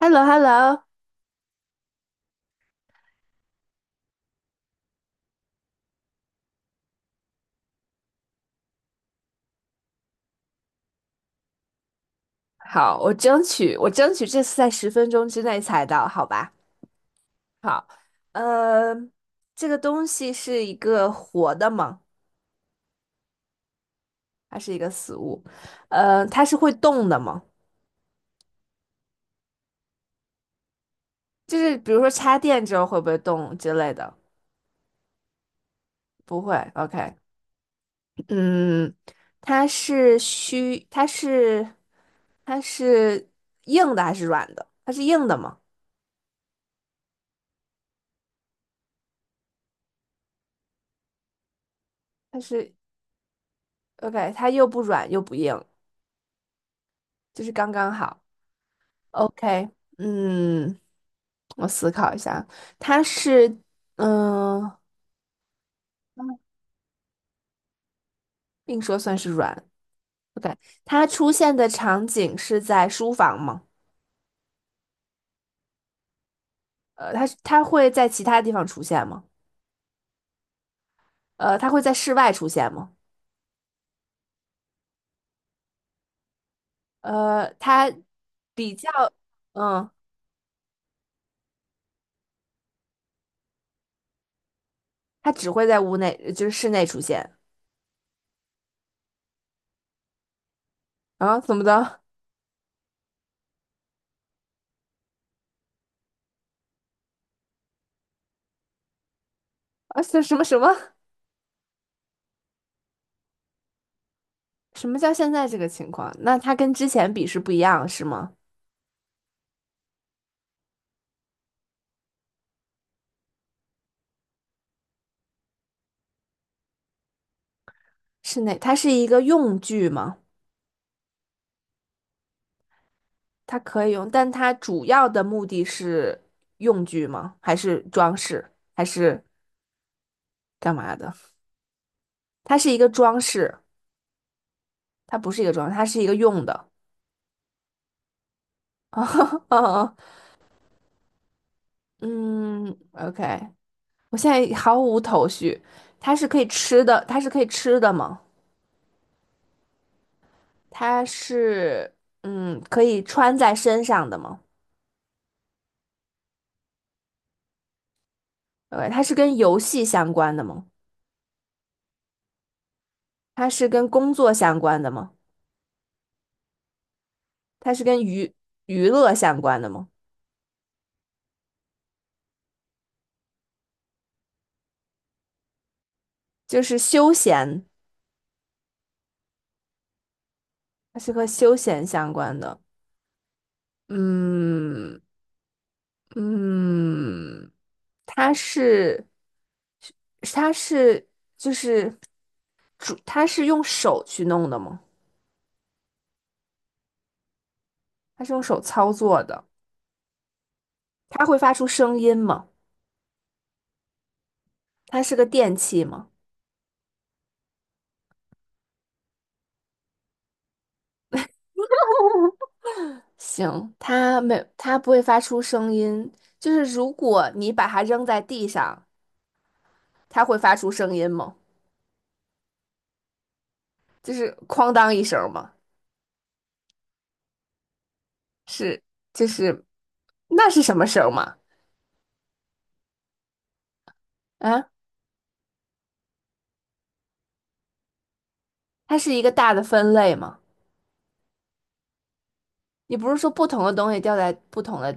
h e l l o h e l l o。 好，我争取，这次在十分钟之内猜到，好吧？好。呃，这个东西是一个活的吗？还是一个死物。它是会动的吗？就是比如说插电之后会不会动之类的？不会，OK。嗯，它是虚，它是它是硬的还是软的？它是硬的吗？它是， OK,它又不软又不硬，就是刚刚好。OK。嗯，我思考一下，它是，嗯、并说算是软。o k, 它出现的场景是在书房吗？它会在其他地方出现吗？它会在室外出现吗？呃，它比较，嗯，它只会在屋内，就是室内出现。啊，怎么的？啊，什么什么？什么叫现在这个情况？那它跟之前比是不一样，是吗？室内，它是一个用具吗？它可以用，但它主要的目的是用具吗？还是装饰？还是干嘛的？它是一个装饰，它不是一个装饰，它是一个用的。嗯，OK。我现在毫无头绪。它是可以吃的吗？它是嗯，可以穿在身上的吗？ o, 它是跟游戏相关的吗？它是跟工作相关的吗？它是跟娱乐相关的吗？就是休闲。它是和休闲相关的。嗯。嗯，它是它是就是主，它是用手去弄的吗？它是用手操作的？它会发出声音吗？它是个电器吗？行，它不会发出声音。就是如果你把它扔在地上，它会发出声音吗？就是哐当一声吗？是，就是那是什么声吗？啊？它是一个大的分类嘛？你不是说不同的东西掉在不同的，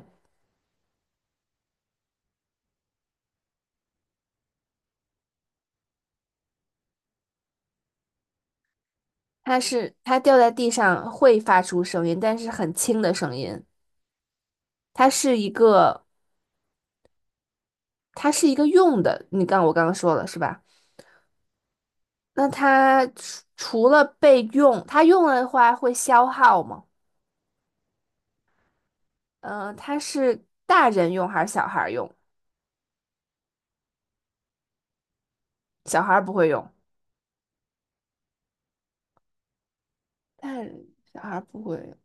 它掉在地上会发出声音，但是很轻的声音。它是一个，它是一个用的。我刚刚说了是吧？那它除了被用，它用了的话会消耗吗？它是大人用还是小孩儿用？小孩儿不会用，大人小孩儿不会用，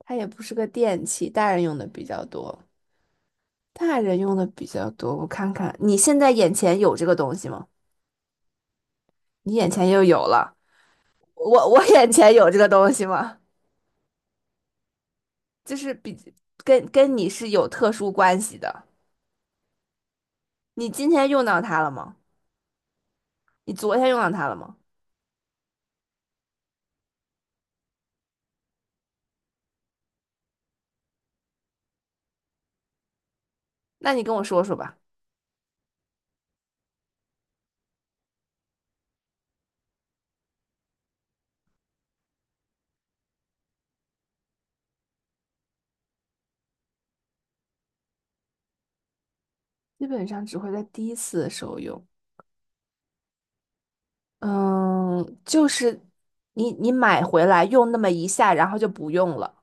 它也不是个电器，大人用的比较多。大人用的比较多，我看看，你现在眼前有这个东西吗？你眼前又有了，我我眼前有这个东西吗？就是比跟你是有特殊关系的。你今天用到它了吗？你昨天用到它了吗？那你跟我说说吧。基本上只会在第一次的时候用，嗯，就是你买回来用那么一下，然后就不用了。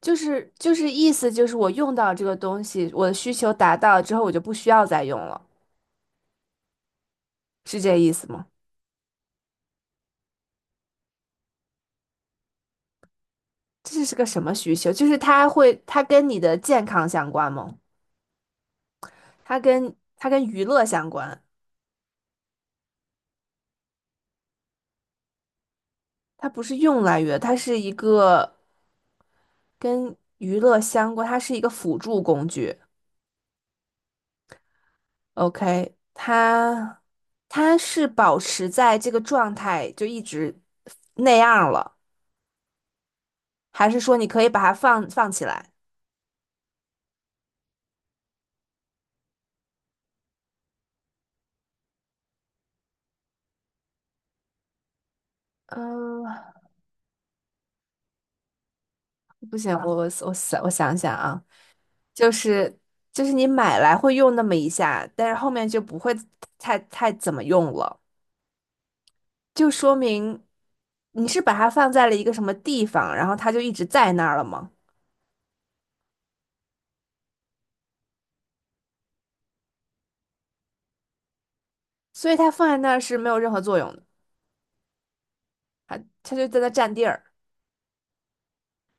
意思就是我用到这个东西，我的需求达到之后，我就不需要再用了，是这意思吗？这是个什么需求？它跟你的健康相关吗？它跟娱乐相关，它不是用来娱乐，它是一个跟娱乐相关，它是一个辅助工具。OK。它是保持在这个状态就一直那样了，还是说你可以把它放起来？嗯。不行，我我想想啊。就是就是你买来会用那么一下，但是后面就不会太怎么用了，就说明你是把它放在了一个什么地方，然后它就一直在那儿了吗？所以它放在那儿是没有任何作用的，它就在那占地儿。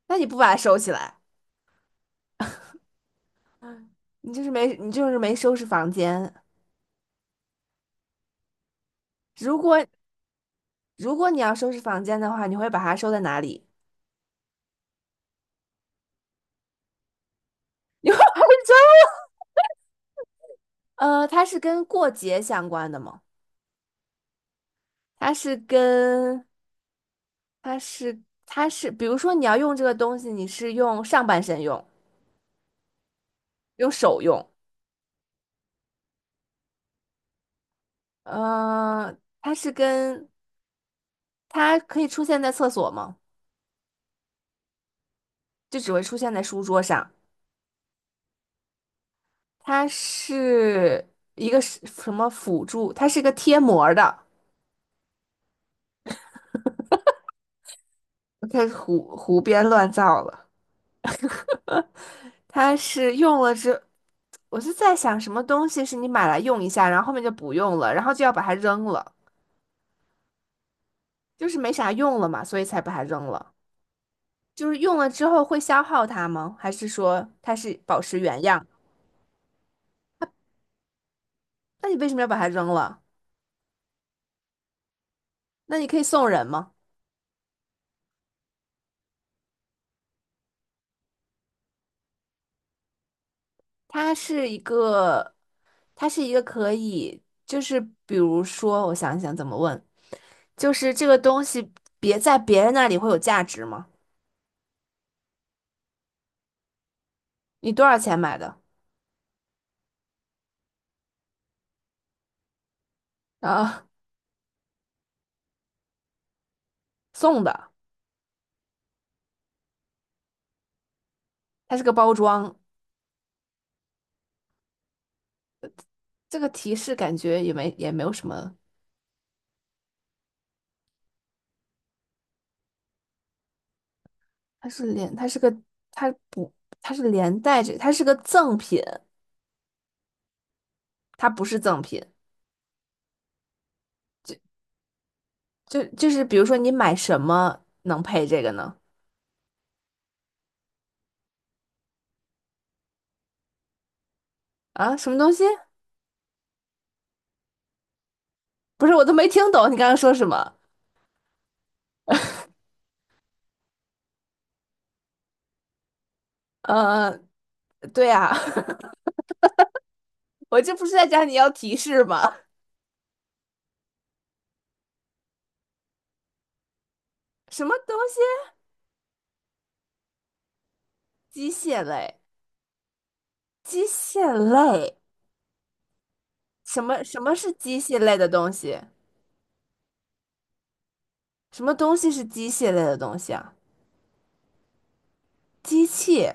那你不把它收起来，你就是没收拾房间。如果如果你要收拾房间的话，你会把它收在哪里？你会把它收？它是跟过节相关的吗？它是跟它是它是，比如说你要用这个东西，你是用上半身用，用手用。呃，它是跟它可以出现在厕所吗？就只会出现在书桌上。它是一个是什么辅助？它是个贴膜儿的，我开始胡编乱造了。它是用了之，我就在想什么东西是你买来用一下，然后后面就不用了，然后就要把它扔了，就是没啥用了嘛，所以才把它扔了。就是用了之后会消耗它吗？还是说它是保持原样？那你为什么要把它扔了？那你可以送人吗？它是一个，它是一个可以，比如说，我想一想怎么问，就是这个东西别在别人那里会有价值吗？你多少钱买的？啊，送的，它是个包装，这个提示感觉也没有什么，它是连，它是个，它不，它是连带着，它是个赠品，它不是赠品。就是比如说你买什么能配这个呢？啊，什么东西？不是，我都没听懂你刚刚说什么。呃，对呀，我这不是在讲你要提示吗？什么东西？机械类，机械类。什么什么是机械类的东西？什么东西是机械类的东西啊？机器。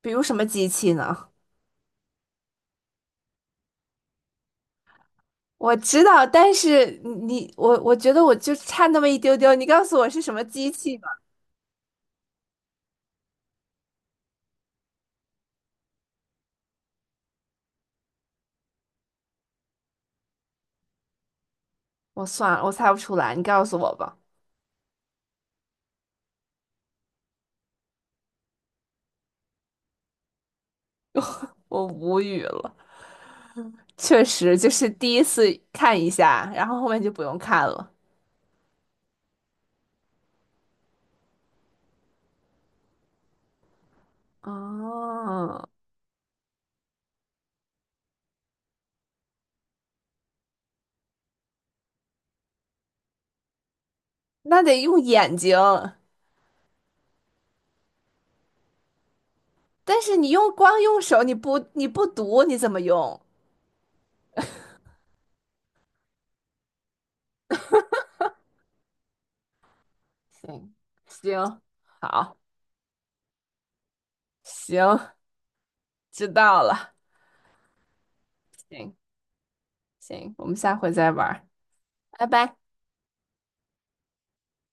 比如什么机器呢？我知道，但是你我觉得我就差那么一丢丢，你告诉我是什么机器吧。我算了，我猜不出来，你告诉我吧。我无语了，确实就是第一次看一下，然后后面就不用看了。哦，那得用眼睛，但是你用光用手，你不读，你怎么用？行。行，好，行，知道了。行行，我们下回再玩儿。拜拜。